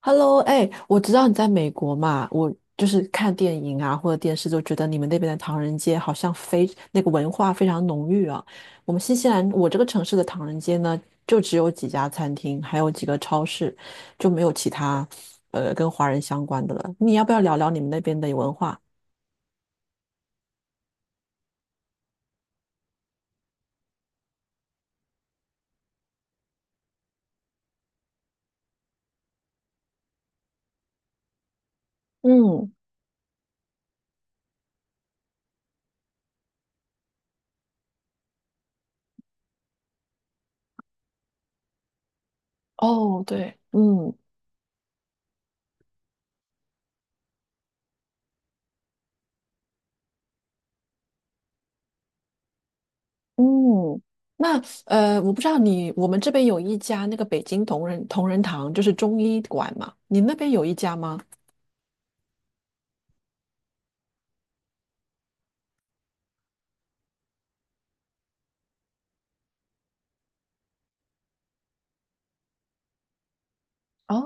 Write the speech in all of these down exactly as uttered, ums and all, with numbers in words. Hello，哎，我知道你在美国嘛，我就是看电影啊或者电视，就觉得你们那边的唐人街好像非那个文化非常浓郁啊。我们新西兰，我这个城市的唐人街呢，就只有几家餐厅，还有几个超市，就没有其他呃跟华人相关的了。你要不要聊聊你们那边的文化？嗯，哦，对，嗯嗯，那呃，我不知道你，我们这边有一家那个北京同仁同仁堂，就是中医馆嘛，你那边有一家吗？哦，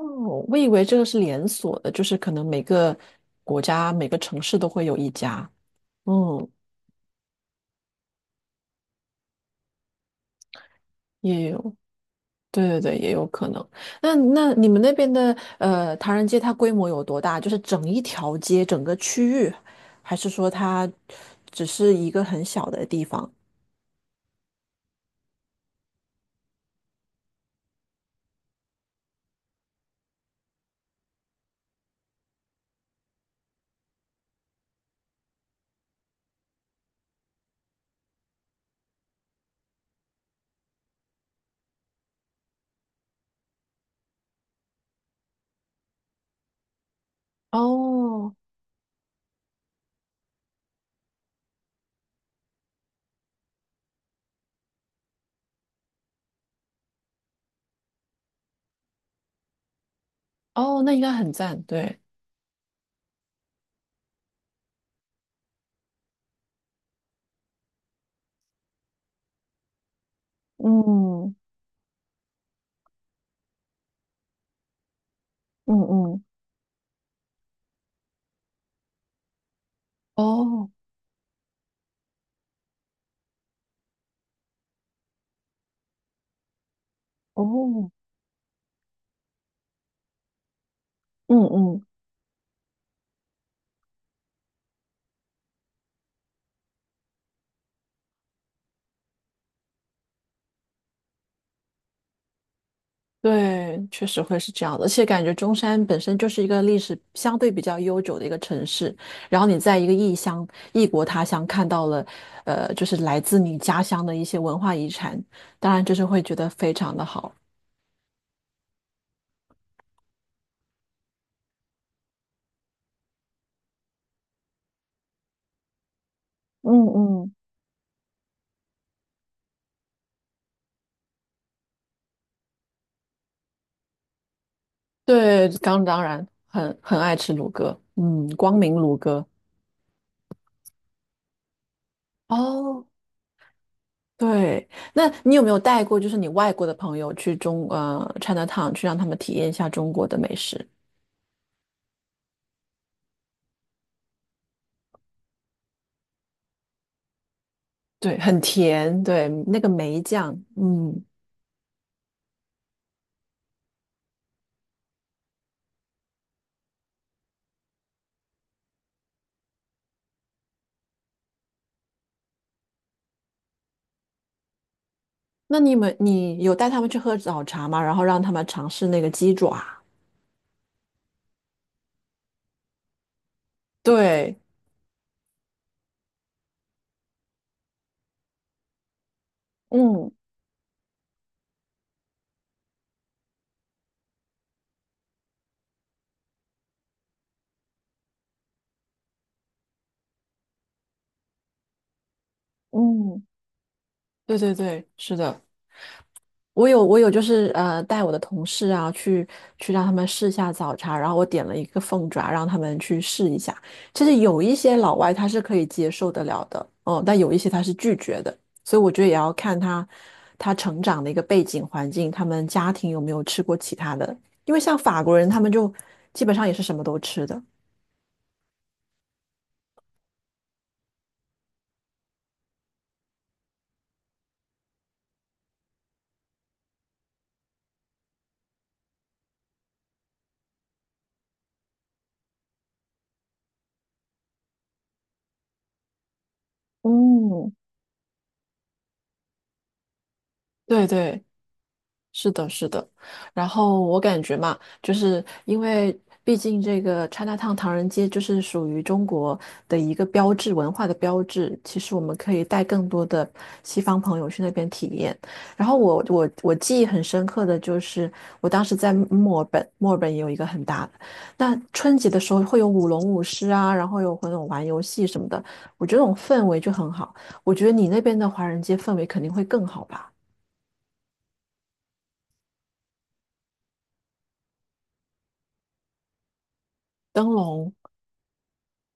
我以为这个是连锁的，就是可能每个国家、每个城市都会有一家。嗯，也有，对对对，也有可能。那那你们那边的呃唐人街，它规模有多大？就是整一条街、整个区域，还是说它只是一个很小的地方？哦哦，那应该很赞，对，嗯嗯嗯，哦哦，嗯嗯。对，确实会是这样的，而且感觉中山本身就是一个历史相对比较悠久的一个城市，然后你在一个异乡、异国他乡看到了，呃，就是来自你家乡的一些文化遗产，当然就是会觉得非常的好。嗯嗯，对，刚当然很很爱吃卤鸽，嗯，光明卤鸽。哦，对，那你有没有带过就是你外国的朋友去中呃 Chinatown 去让他们体验一下中国的美食？对，很甜，对，那个梅酱，嗯，那你们你有带他们去喝早茶吗？然后让他们尝试那个鸡爪，对，嗯嗯，对对对，是的，我有我有，就是呃，带我的同事啊，去去让他们试一下早茶，然后我点了一个凤爪，让他们去试一下。其实有一些老外他是可以接受得了的，嗯，但有一些他是拒绝的，所以我觉得也要看他他成长的一个背景环境，他们家庭有没有吃过其他的，因为像法国人他们就基本上也是什么都吃的。嗯，对对，是的，是的，然后我感觉嘛，就是因为毕竟这个 Chinatown 唐人街就是属于中国的一个标志，文化的标志。其实我们可以带更多的西方朋友去那边体验。然后我我我记忆很深刻的就是，我当时在墨尔本，墨尔本也有一个很大的。那春节的时候会有舞龙舞狮啊，然后有会那种玩游戏什么的，我觉得那种氛围就很好。我觉得你那边的华人街氛围肯定会更好吧，灯笼。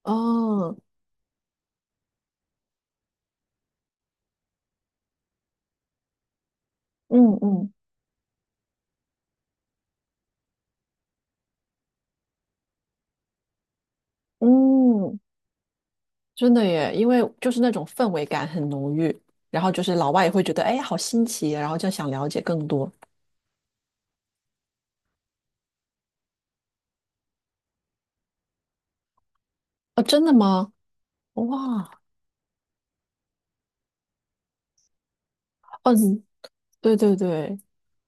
嗯，嗯嗯嗯，真的耶，因为就是那种氛围感很浓郁，然后就是老外也会觉得，哎，好新奇啊，然后就想了解更多。哦，真的吗？哇，嗯，你对对对，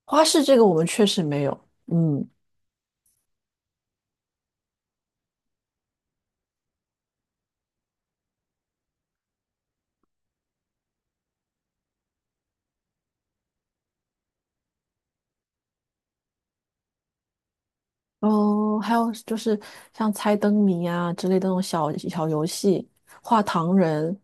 花式这个我们确实没有。嗯，哦，还有就是像猜灯谜啊之类的那种小小游戏，画糖人，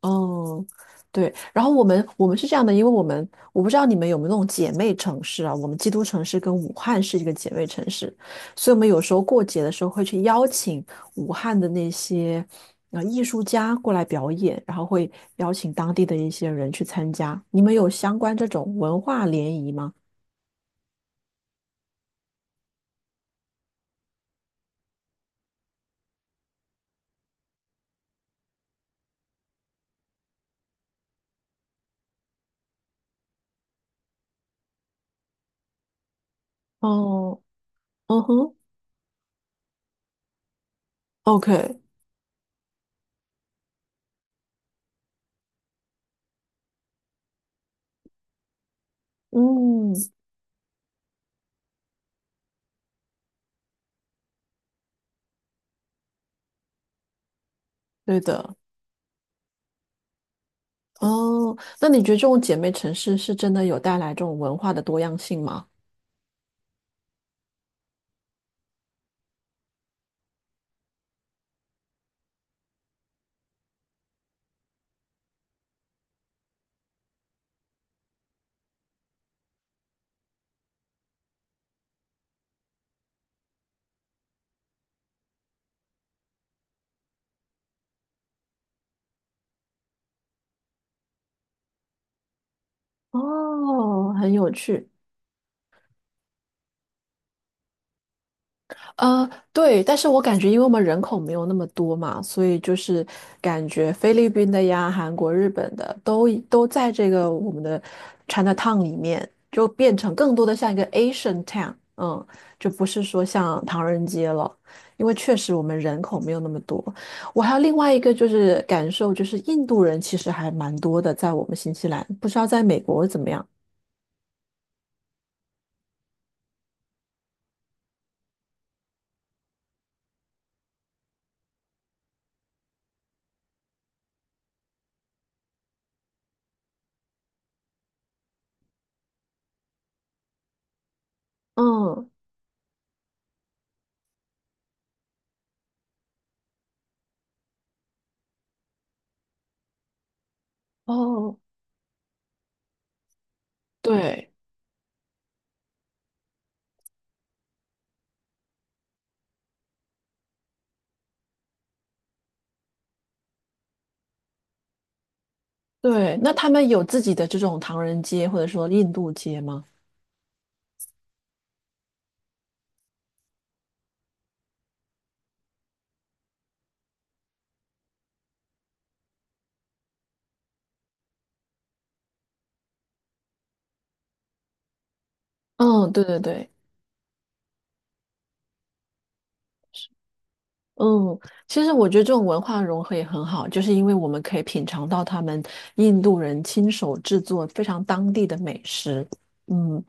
哦，对，然后我们我们是这样的，因为我们我不知道你们有没有那种姐妹城市啊，我们基督城市跟武汉是一个姐妹城市，所以我们有时候过节的时候会去邀请武汉的那些呃艺术家过来表演，然后会邀请当地的一些人去参加。你们有相关这种文化联谊吗？哦，嗯哼，OK，嗯，对的，哦，那你觉得这种姐妹城市是真的有带来这种文化的多样性吗？哦，很有趣。呃，对，但是我感觉，因为我们人口没有那么多嘛，所以就是感觉菲律宾的呀、韩国、日本的都都在这个我们的 China Town 里面，就变成更多的像一个 Asian Town，嗯，就不是说像唐人街了，因为确实我们人口没有那么多。我还有另外一个就是感受，就是印度人其实还蛮多的，在我们新西兰，不知道在美国怎么样。嗯，哦，对。对，那他们有自己的这种唐人街或者说印度街吗？嗯，对对对，嗯，其实我觉得这种文化融合也很好，就是因为我们可以品尝到他们印度人亲手制作非常当地的美食。嗯，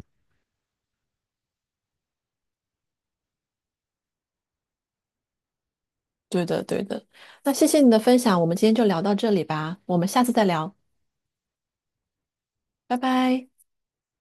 对的对的。那谢谢你的分享，我们今天就聊到这里吧，我们下次再聊，拜拜。